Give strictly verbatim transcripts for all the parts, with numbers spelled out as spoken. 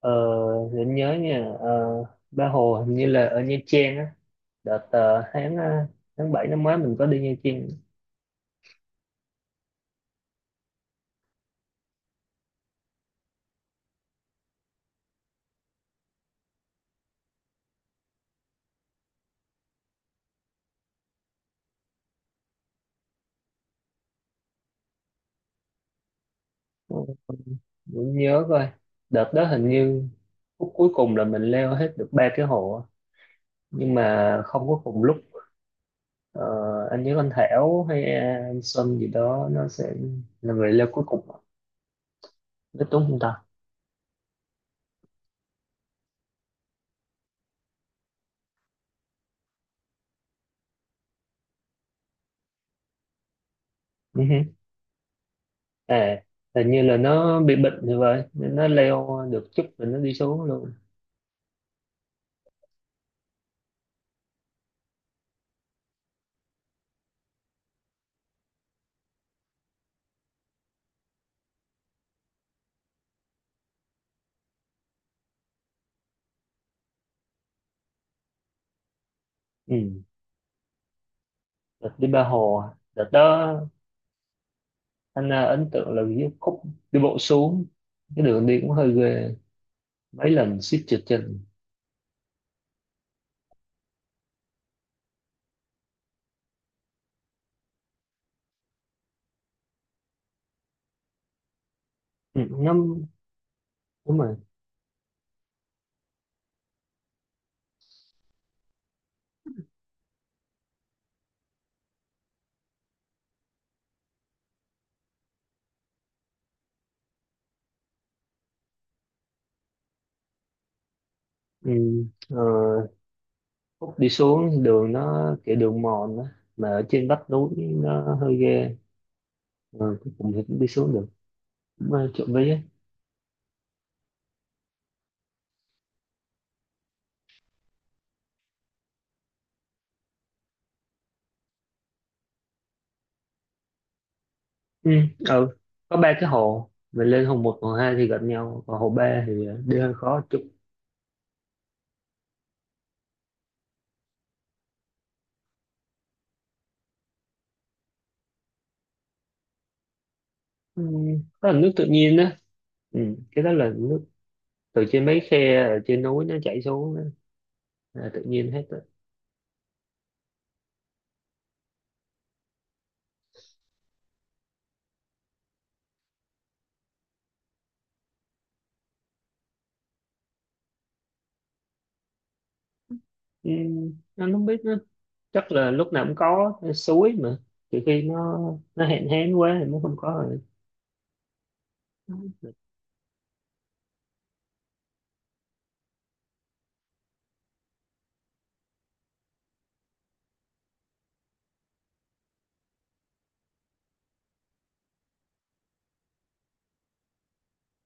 Ờ, để anh nhớ nha ờ, Ba Hồ hình như là ở Nha Trang á. Đợt ờ, tháng ờ, tháng bảy năm ngoái mình có đi Nha Trang. Ừ, để anh nhớ coi. Đợt đó hình như phút cuối cùng là mình leo hết được ba cái hồ á. Nhưng mà không có cùng lúc. Ờ, anh nhớ anh Thảo hay ờ, anh Xuân gì đó nó sẽ là người leo cuối cùng, nó tốn không ta? Ừ hứ. À, hình như là nó bị bệnh thì vậy nên nó leo được chút rồi nó đi xuống luôn. Ừ. Đợt đi ba hồ à. Đợt đó anh à, ấn tượng là cái khúc đi bộ xuống, cái đường đi cũng hơi ghê, mấy lần suýt trượt chân. Ừ, ngắm. Đúng rồi. Ừ. ờ, Khúc đi xuống đường nó kiểu đường mòn đó. Mà ở trên vách núi nó hơi ghê. Ừ, cuối cùng thì cũng đi xuống được, cũng ờ, trộm vía. Ừ. Ừ. Có ba cái hồ, mình lên hồ một hồ hai thì gần nhau, còn hồ ba thì ờ, đi hơi khó chút. Ừ. Đó là nước tự nhiên đó. Ừ. Cái đó là nước từ trên mấy khe ở trên núi nó chảy xuống đó. Là tự nhiên hết. Ừ, anh không biết nữa. Chắc là lúc nào cũng có cái suối mà. Trừ khi nó nó hạn hán quá thì nó không có rồi.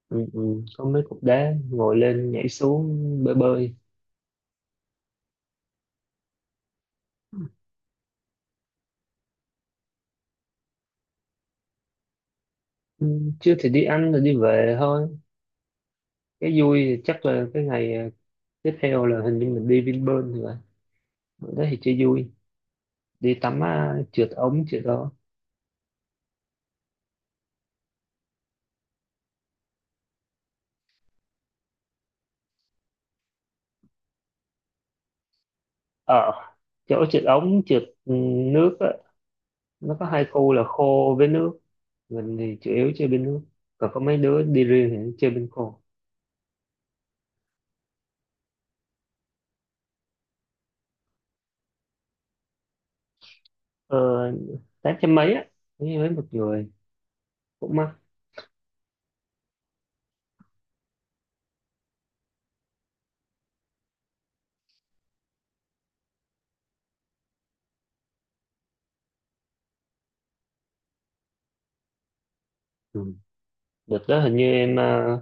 Ừ, ừ. Có mấy cục đá ngồi lên nhảy xuống bơi bơi. Ừ. Chứ thì đi ăn rồi đi về thôi. Cái vui thì chắc là cái ngày à, tiếp theo là hình như mình đi Vinpearl rồi. Ở đó thì chơi vui, đi tắm à, trượt ống trượt đó. Ở chỗ trượt ống trượt, ừ, nước á, nó có hai khu là khô với nước. Mình thì chủ yếu chơi bên nước, còn có mấy đứa đi riêng thì chơi bên khô. ờ, Tám trăm mấy á, với với một người, cũng mắc. Ừ. Đợt đó hình như em à,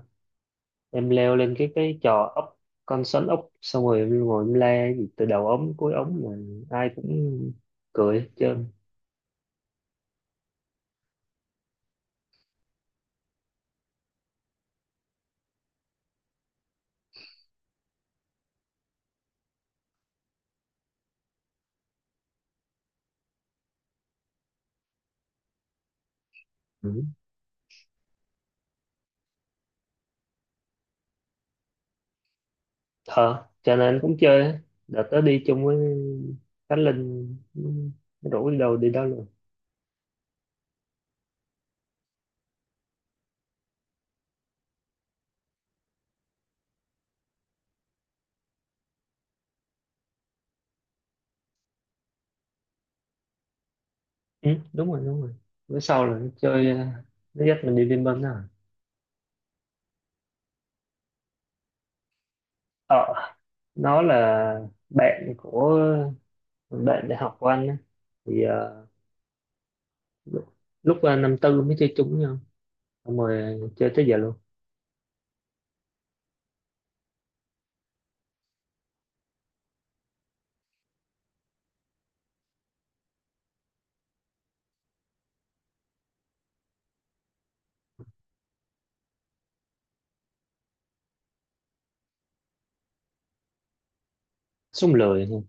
em leo lên cái cái trò ốc, con sắn ốc, xong rồi em ngồi em le gì từ đầu ống cuối ống mà ai cũng cười hết trơn. Ừ. ờ cho nên anh cũng chơi á. Đợt đó đi chung với Khánh Linh, nó rủ đi đâu đi đó luôn. Ừ, đúng rồi, đúng rồi. Bữa sau là nó chơi à, nó dắt mình đi Vinpearl đó à. ờ nó là bạn của bạn đại học của anh á, thì ờ, lúc, lúc ờ, năm tư mới chơi chung với nhau, xong rồi chơi tới giờ luôn. Sung lười thôi.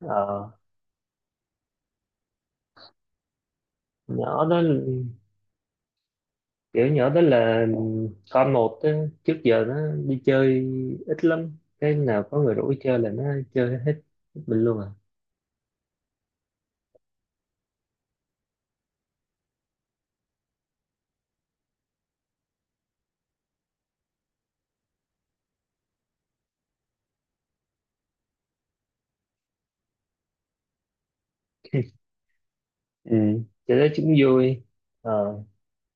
ờ, Nhỏ đó, kiểu nhỏ đó là con một á, trước giờ nó đi chơi ít lắm, cái nào có người rủ đi chơi là nó chơi hết hết mình luôn à. Ừ. Chơi đó chúng vui. ờ,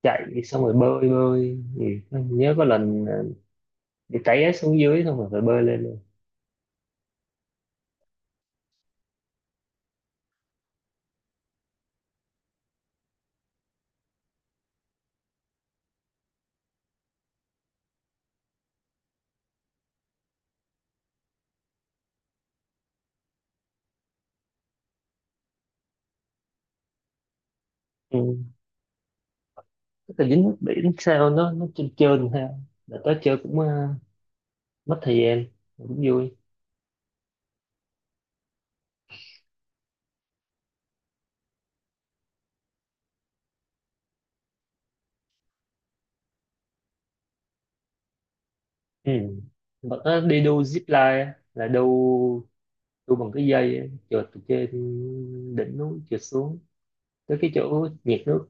Chạy xong rồi bơi bơi thì nhớ có lần ờ, bị té xuống dưới xong rồi phải bơi lên luôn. Ừ. Cái dính nước biển sao nó nó trơn trơn ha. Là tới chơi cũng ờ, mất thời gian mà cũng vui. Ừ. Mà có đi đu zip line á, là đu đu bằng cái dây á, trượt từ trên đỉnh núi trượt xuống tới cái chỗ nhiệt nước.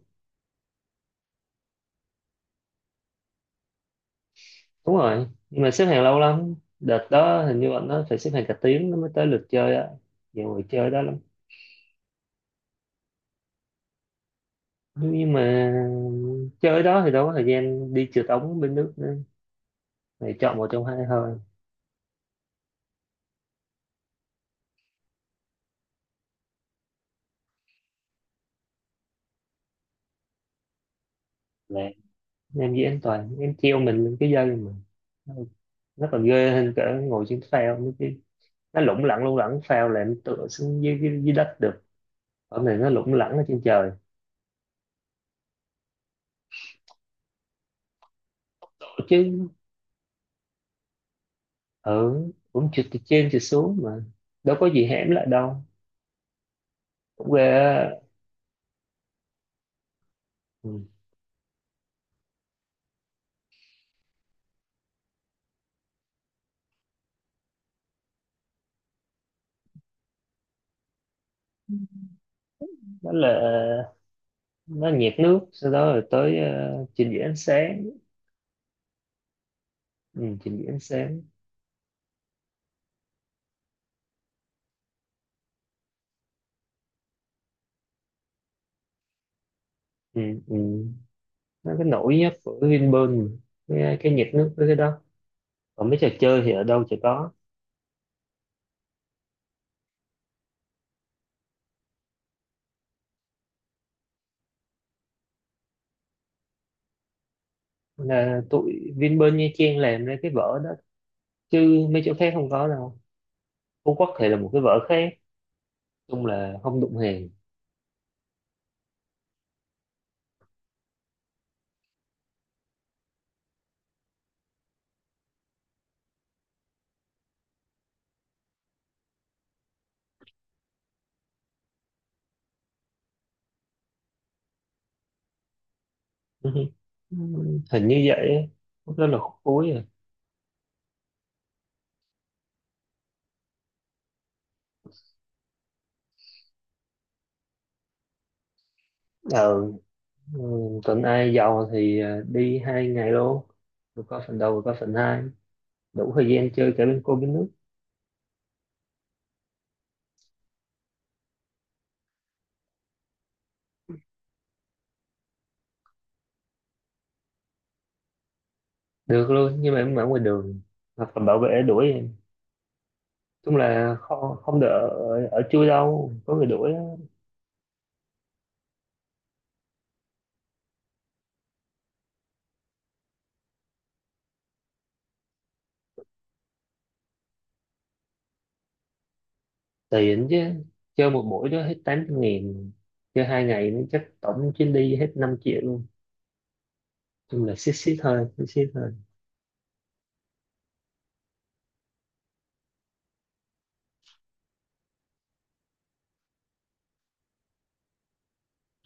Đúng rồi, nhưng mà xếp hàng lâu lắm. Đợt đó hình như bọn nó phải xếp hàng cả tiếng nó mới tới lượt chơi á, nhiều người chơi đó lắm. Nhưng mà chơi đó thì đâu có thời gian đi trượt ống bên nước nữa, thì chọn một trong hai thôi. Là em với anh Toàn em treo mình lên cái dây mà, nó nó còn ghê hơn cả ngồi trên phao nữa chứ. Nó lủng lẳng lủng lẳng, phao là em tựa xuống dưới, dưới, dưới đất được, ở này nó lủng lẳng ở trên trời chứ. Ừ, cũng trượt từ trên trượt xuống mà, đâu có gì hẻm lại đâu. Cũng ghê á. Ừ. Đó là nó nhiệt nước, sau đó rồi tới ờ, trình diễn ánh sáng. Ừ, trình diễn ánh sáng. Ừ, ừ. Nó cái nổi nhất của Vinpearl mà. cái, cái nhiệt nước với cái đó, còn mấy trò chơi thì ở đâu chả có. Là tụi Vinpearl Nha Trang làm ra cái vở đó, chứ mấy chỗ khác không có đâu. Phú Quốc thì là một cái vở khác, chung là không đụng hàng. Hình như vậy á. Lúc đó là khúc cuối rồi. ờ ừ, tuần ai giàu thì ờ, đi hai ngày luôn, vừa có phần đầu vừa có phần hai, đủ thời gian chơi cả bên cô bên nước. Được luôn, nhưng mà em ở ngoài đường hoặc là bảo vệ đuổi em. Chung là không không được ở, ở chui, đâu có người đuổi. Tiền chứ. Chơi một buổi đó hết tám trăm nghìn. Chơi hai ngày nó chắc tổng chuyến đi hết năm triệu luôn. Chung là xít xít thôi, xít xít thôi.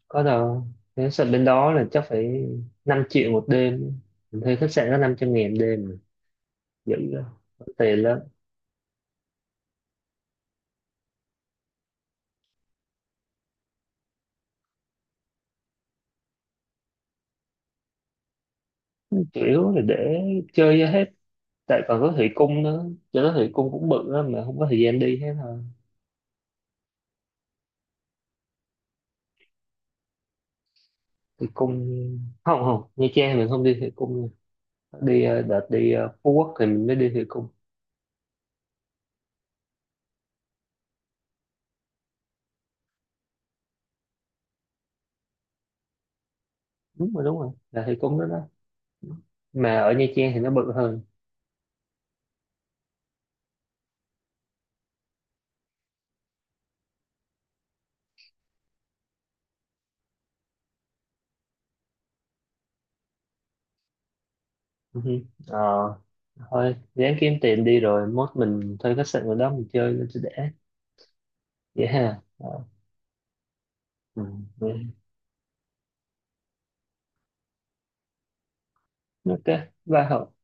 Có đâu. Nếu sợ bên đó là chắc phải năm triệu một đêm. Mình thuê khách sạn có năm trăm nghìn đêm mà. Dữ lắm. Có tiền lắm. Chủ yếu là để chơi cho hết, tại còn có thủy cung nữa. Cho đó thủy cung cũng bự lắm mà không có thời gian đi hết thôi. Thủy cung, không, không, Nha Trang mình không đi thủy cung. Đi ờ, đợt đi ờ, Phú Quốc thì mình mới đi thủy cung. Đúng rồi, đúng rồi, là thủy cung đó đó. Mà ở Nha Trang thì nó bự hơn. Ừ hử. ờ Thôi ráng kiếm tiền đi rồi mốt mình thuê khách sạn ở đó mình chơi nó sẽ đẻ. Dễ. Dạ ha. Ờ, ừ. Ừ. OK, bye Hậu.